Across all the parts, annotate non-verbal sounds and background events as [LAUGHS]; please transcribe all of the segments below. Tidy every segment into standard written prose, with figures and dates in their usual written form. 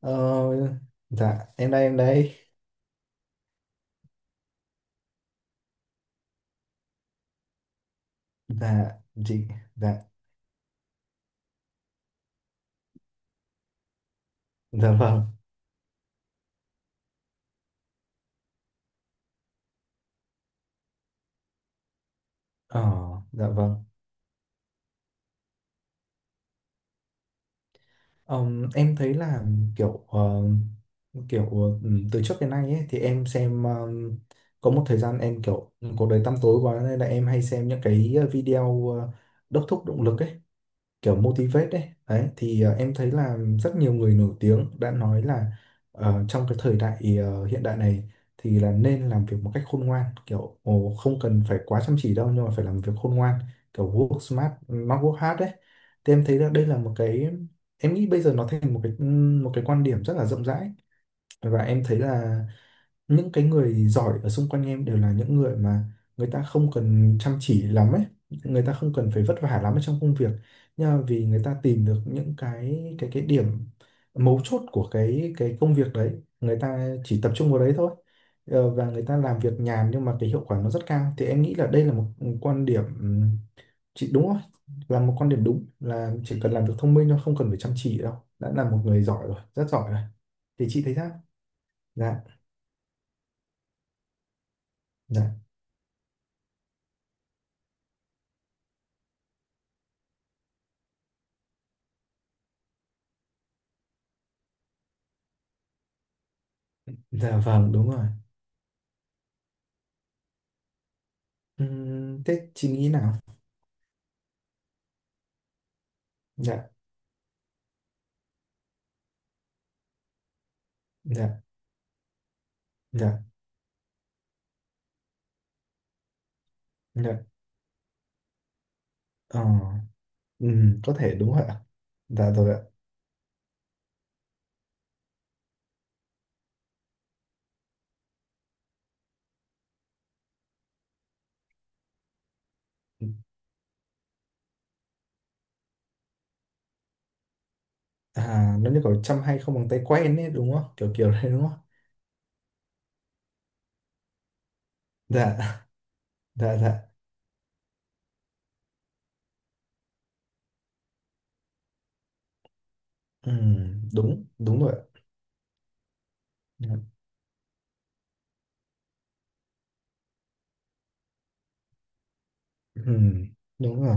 Ờ, dạ em đây em đây. Dạ chị. Dạ. Dạ vâng. ờ dạ vâng. Em thấy là kiểu kiểu từ trước đến nay ấy, thì em xem có một thời gian em kiểu cuộc đời tăm tối quá nên là em hay xem những cái video đốc thúc động lực ấy, kiểu motivate đấy đấy. Thì em thấy là rất nhiều người nổi tiếng đã nói là trong cái thời đại hiện đại này thì là nên làm việc một cách khôn ngoan, kiểu ồ, không cần phải quá chăm chỉ đâu nhưng mà phải làm việc khôn ngoan, kiểu work smart not work hard đấy. Thì em thấy là đây là một cái, em nghĩ bây giờ nó thành một cái quan điểm rất là rộng rãi. Và em thấy là những cái người giỏi ở xung quanh em đều là những người mà người ta không cần chăm chỉ lắm ấy, người ta không cần phải vất vả lắm ở trong công việc, nhưng mà vì người ta tìm được những cái điểm mấu chốt của cái công việc đấy, người ta chỉ tập trung vào đấy thôi. Và người ta làm việc nhàn nhưng mà cái hiệu quả nó rất cao, thì em nghĩ là đây là một quan điểm, chị đúng không? Là một quan điểm đúng là chỉ cần làm việc thông minh thôi, không cần phải chăm chỉ đâu, đã là một người giỏi rồi, rất giỏi rồi. Thì chị thấy sao? Dạ. Dạ. Dạ vâng, đúng rồi. Thế chị nghĩ nào? Dạ, dạ, dạ, dạ. Ờ, có thể đúng rồi ạ. Dạ rồi ạ. À, nó như kiểu chăm hay không bằng tay quen ấy, đúng không? Kiểu kiểu đấy đúng không? Dạ, [LAUGHS] dạ, dạ. Đúng, đúng rồi ạ. Dạ. Ừm, đúng rồi.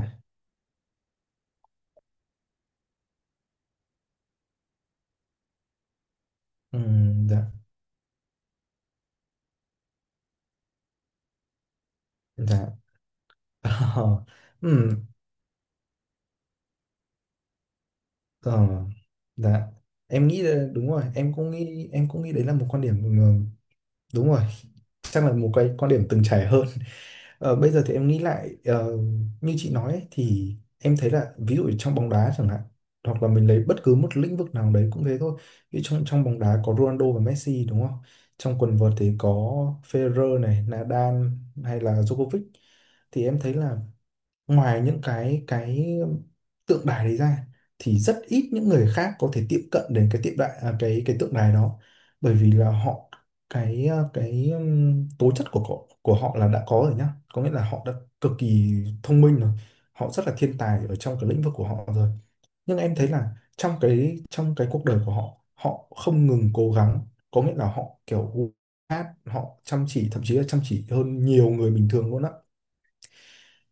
Dạ, dạ. Ờ, ừm, ờ, dạ. Em nghĩ là đúng rồi, em cũng nghĩ, đấy là một quan điểm, đúng rồi, chắc là một cái quan điểm từng trải hơn. Bây giờ thì em nghĩ lại, như chị nói ấy, thì em thấy là ví dụ trong bóng đá chẳng hạn, hoặc là mình lấy bất cứ một lĩnh vực nào đấy cũng thế thôi. Ví dụ trong trong bóng đá có Ronaldo và Messi, đúng không? Trong quần vợt thì có Federer này, Nadal hay là Djokovic. Thì em thấy là ngoài những cái tượng đài đấy ra, thì rất ít những người khác có thể tiếp cận đến cái tượng đài à, cái tượng đài đó, bởi vì là họ, cái ờ, cái tố chất của họ, là đã có rồi nhá, có nghĩa là họ đã cực kỳ thông minh rồi, họ rất là thiên tài ở trong cái lĩnh vực của họ rồi. Nhưng em thấy là trong cái cuộc đời của họ, họ không ngừng cố gắng, có nghĩa là họ kiểu hát họ chăm chỉ, thậm chí là chăm chỉ hơn nhiều người bình thường luôn á.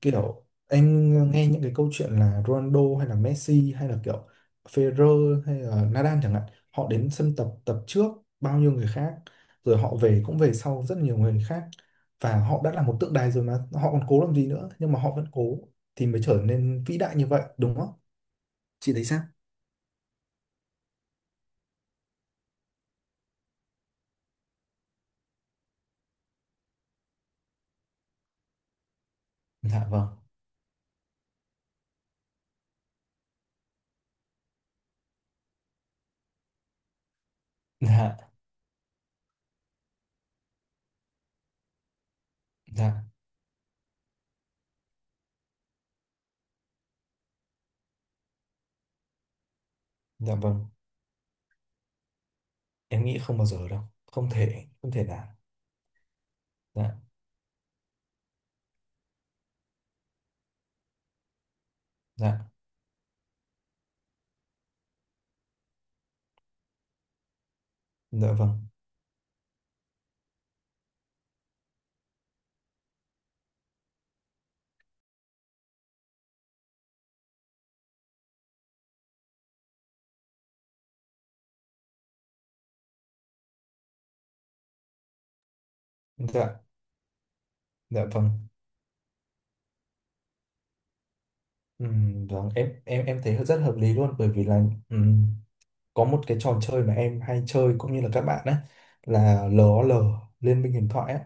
Kiểu em nghe những cái câu chuyện là Ronaldo hay là Messi hay là kiểu Federer hay là Nadal chẳng hạn, họ đến sân tập, tập trước bao nhiêu người khác, rồi họ về cũng về sau rất nhiều người khác. Và họ đã là một tượng đài rồi mà họ còn cố làm gì nữa, nhưng mà họ vẫn cố thì mới trở nên vĩ đại như vậy, đúng không? Chị thấy sao? Dạ vâng, dạ, dạ, dạ vâng, em nghĩ không bao giờ đâu, không thể, không thể nào. Dạ, dạ, dạ vâng, dạ, dạ vâng. Ừ, vâng, em thấy rất hợp lý luôn, bởi vì là ừ, có một cái trò chơi mà em hay chơi cũng như là các bạn ấy, là LOL, Liên minh huyền thoại ấy.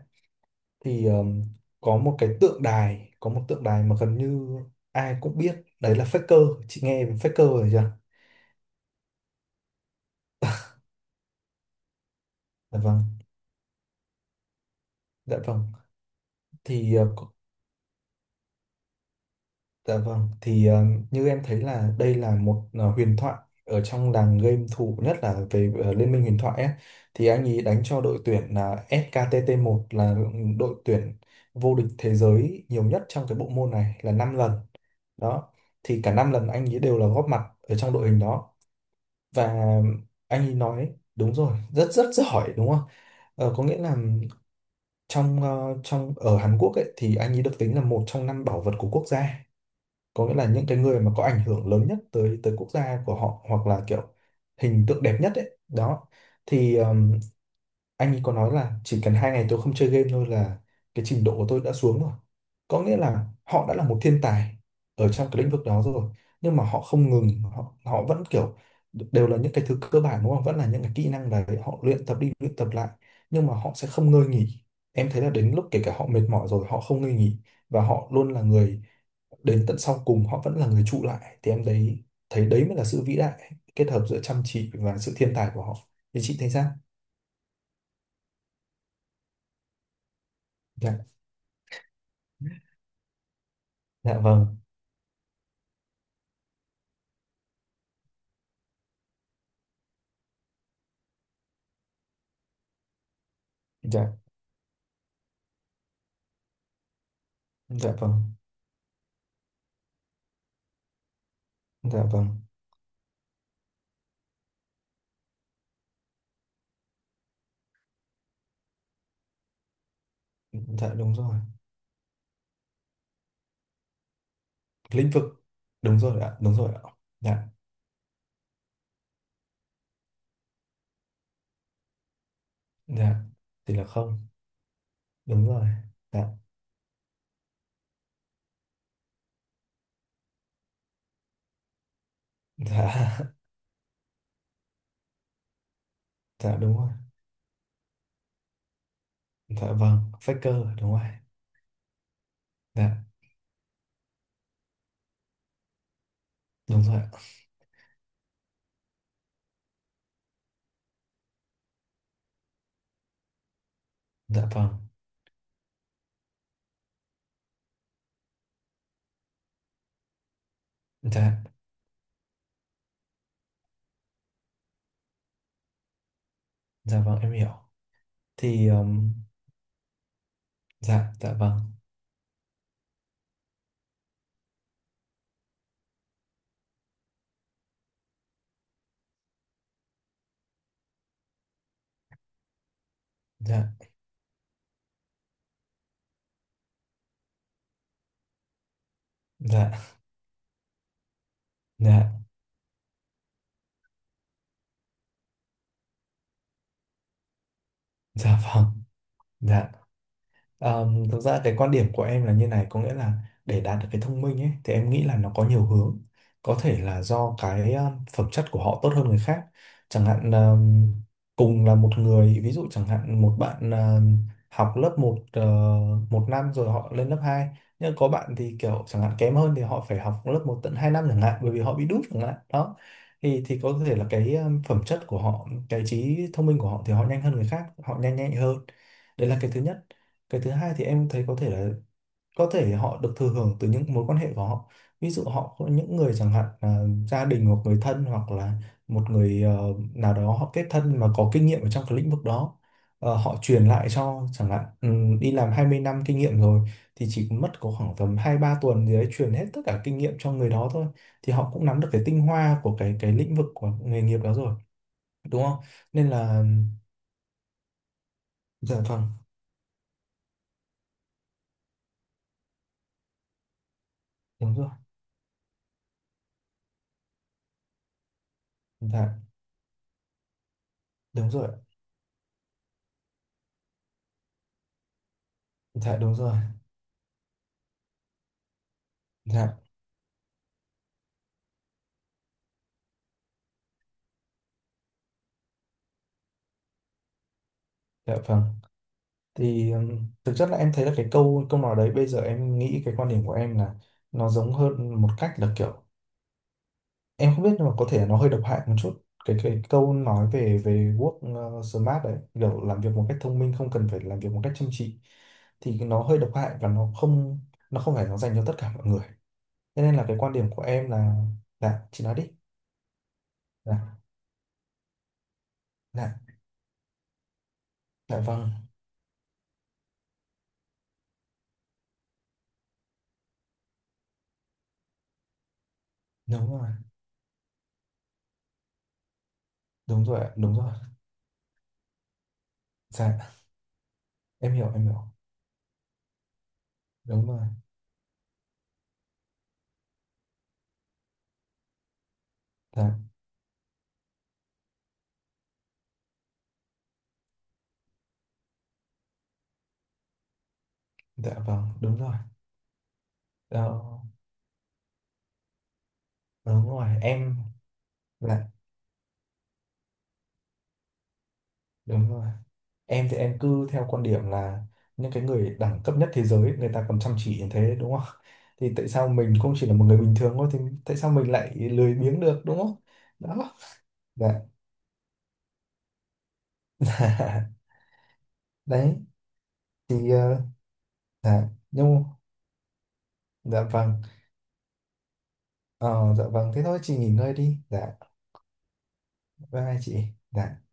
Thì có một tượng đài mà gần như ai cũng biết đấy là Faker. Chị nghe về Faker rồi chưa? Dạ vâng, dạ vâng, thì dạ vâng, thì như em thấy là đây là một huyền thoại ở trong làng game thủ, nhất là về Liên minh huyền thoại ấy. Thì anh ấy đánh cho đội tuyển là SKTT1, là đội tuyển vô địch thế giới nhiều nhất trong cái bộ môn này là 5 lần. Đó, thì cả 5 lần anh ấy đều là góp mặt ở trong đội hình đó. Và anh ấy nói đúng rồi, rất rất giỏi, đúng không? Có nghĩa là trong ờ, trong ở Hàn Quốc ấy, thì anh ấy được tính là một trong 5 bảo vật của quốc gia, có nghĩa là những cái người mà có ảnh hưởng lớn nhất tới tới quốc gia của họ, hoặc là kiểu hình tượng đẹp nhất ấy đó. Thì anh ấy có nói là chỉ cần 2 ngày tôi không chơi game thôi là cái trình độ của tôi đã xuống rồi, có nghĩa là họ đã là một thiên tài ở trong cái lĩnh vực đó rồi, nhưng mà họ không ngừng, họ họ vẫn kiểu đều là những cái thứ cơ bản, đúng không, vẫn là những cái kỹ năng đấy, họ luyện tập đi luyện tập lại, nhưng mà họ sẽ không ngơi nghỉ. Em thấy là đến lúc kể cả họ mệt mỏi rồi họ không ngơi nghỉ, và họ luôn là người đến tận sau cùng, họ vẫn là người trụ lại, thì em đấy thấy đấy mới là sự vĩ đại, kết hợp giữa chăm chỉ và sự thiên tài của họ. Thì chị thấy sao? Dạ. Dạ vâng. Dạ. Dạ vâng. Dạ vâng. Dạ. Đúng rồi. Lĩnh vực. Đúng rồi ạ. Đúng rồi ạ. Dạ. Dạ. Thì là không. Đúng rồi. Dạ. Dạ. [LAUGHS] Dạ. Đúng rồi. Dạ vâng. Faker. Đúng rồi. Dạ. Đúng rồi ạ. Dạ vâng. Dạ. Dạ vâng. Em hiểu. Thì dạ. Dạ vâng. Dạ. Dạ. Dạ. Dạ vâng. Dạ. Thực ra cái quan điểm của em là như này, có nghĩa là để đạt được cái thông minh ấy, thì em nghĩ là nó có nhiều hướng. Có thể là do cái phẩm chất của họ tốt hơn người khác. Chẳng hạn, cùng là một người, ví dụ chẳng hạn một bạn học lớp một, một năm rồi họ lên lớp hai, nhưng có bạn thì kiểu chẳng hạn kém hơn thì họ phải học lớp một tận 2 năm chẳng hạn, bởi vì họ bị đút chẳng hạn. Đó. Thì, có thể là cái phẩm chất của họ, cái trí thông minh của họ thì họ nhanh hơn người khác, họ nhanh nhạy hơn, đấy là cái thứ nhất. Cái thứ hai thì em thấy có thể họ được thừa hưởng từ những mối quan hệ của họ, ví dụ họ có những người chẳng hạn là gia đình hoặc người thân, hoặc là một người nào đó họ kết thân mà có kinh nghiệm ở trong cái lĩnh vực đó. Họ truyền lại cho chẳng hạn, đi làm 20 năm kinh nghiệm rồi, thì chỉ mất có khoảng tầm 2-3 tuần gì đấy truyền hết tất cả kinh nghiệm cho người đó thôi, thì họ cũng nắm được cái tinh hoa của cái lĩnh vực, của nghề nghiệp đó rồi, đúng không? Nên là. Dạ vâng. Đúng rồi. Dạ. Đúng rồi. Dạ. Đúng rồi. Dạ. Dạ vâng. Thì thực chất là em thấy là cái câu câu nói đấy, bây giờ em nghĩ cái quan điểm của em là nó giống hơn một cách là kiểu em không biết, nhưng mà có thể nó hơi độc hại một chút, cái câu nói về về work smart đấy, kiểu làm việc một cách thông minh không cần phải làm việc một cách chăm chỉ, thì nó hơi độc hại, và nó không phải nó dành cho tất cả mọi người. Thế nên là cái quan điểm của em là. Dạ, chị nói đi. Dạ. Dạ. Dạ vâng. Đúng rồi. Đúng rồi ạ, đúng rồi. Dạ. Em hiểu, em hiểu. Đúng rồi. Dạ. Dạ vâng. Đúng rồi. Đó, đúng rồi em là, đúng rồi, em thì em cứ theo quan điểm là những cái người đẳng cấp nhất thế giới người ta còn chăm chỉ như thế, đúng không? [LAUGHS] Thì tại sao mình cũng chỉ là một người bình thường thôi thì tại sao mình lại lười biếng được, đúng không? Đó. Dạ. [LAUGHS] Đấy, thì dạ nhưng dạ vâng, ờ, dạ vâng, thế thôi chị nghỉ ngơi đi. Dạ. Bye bye chị. Dạ.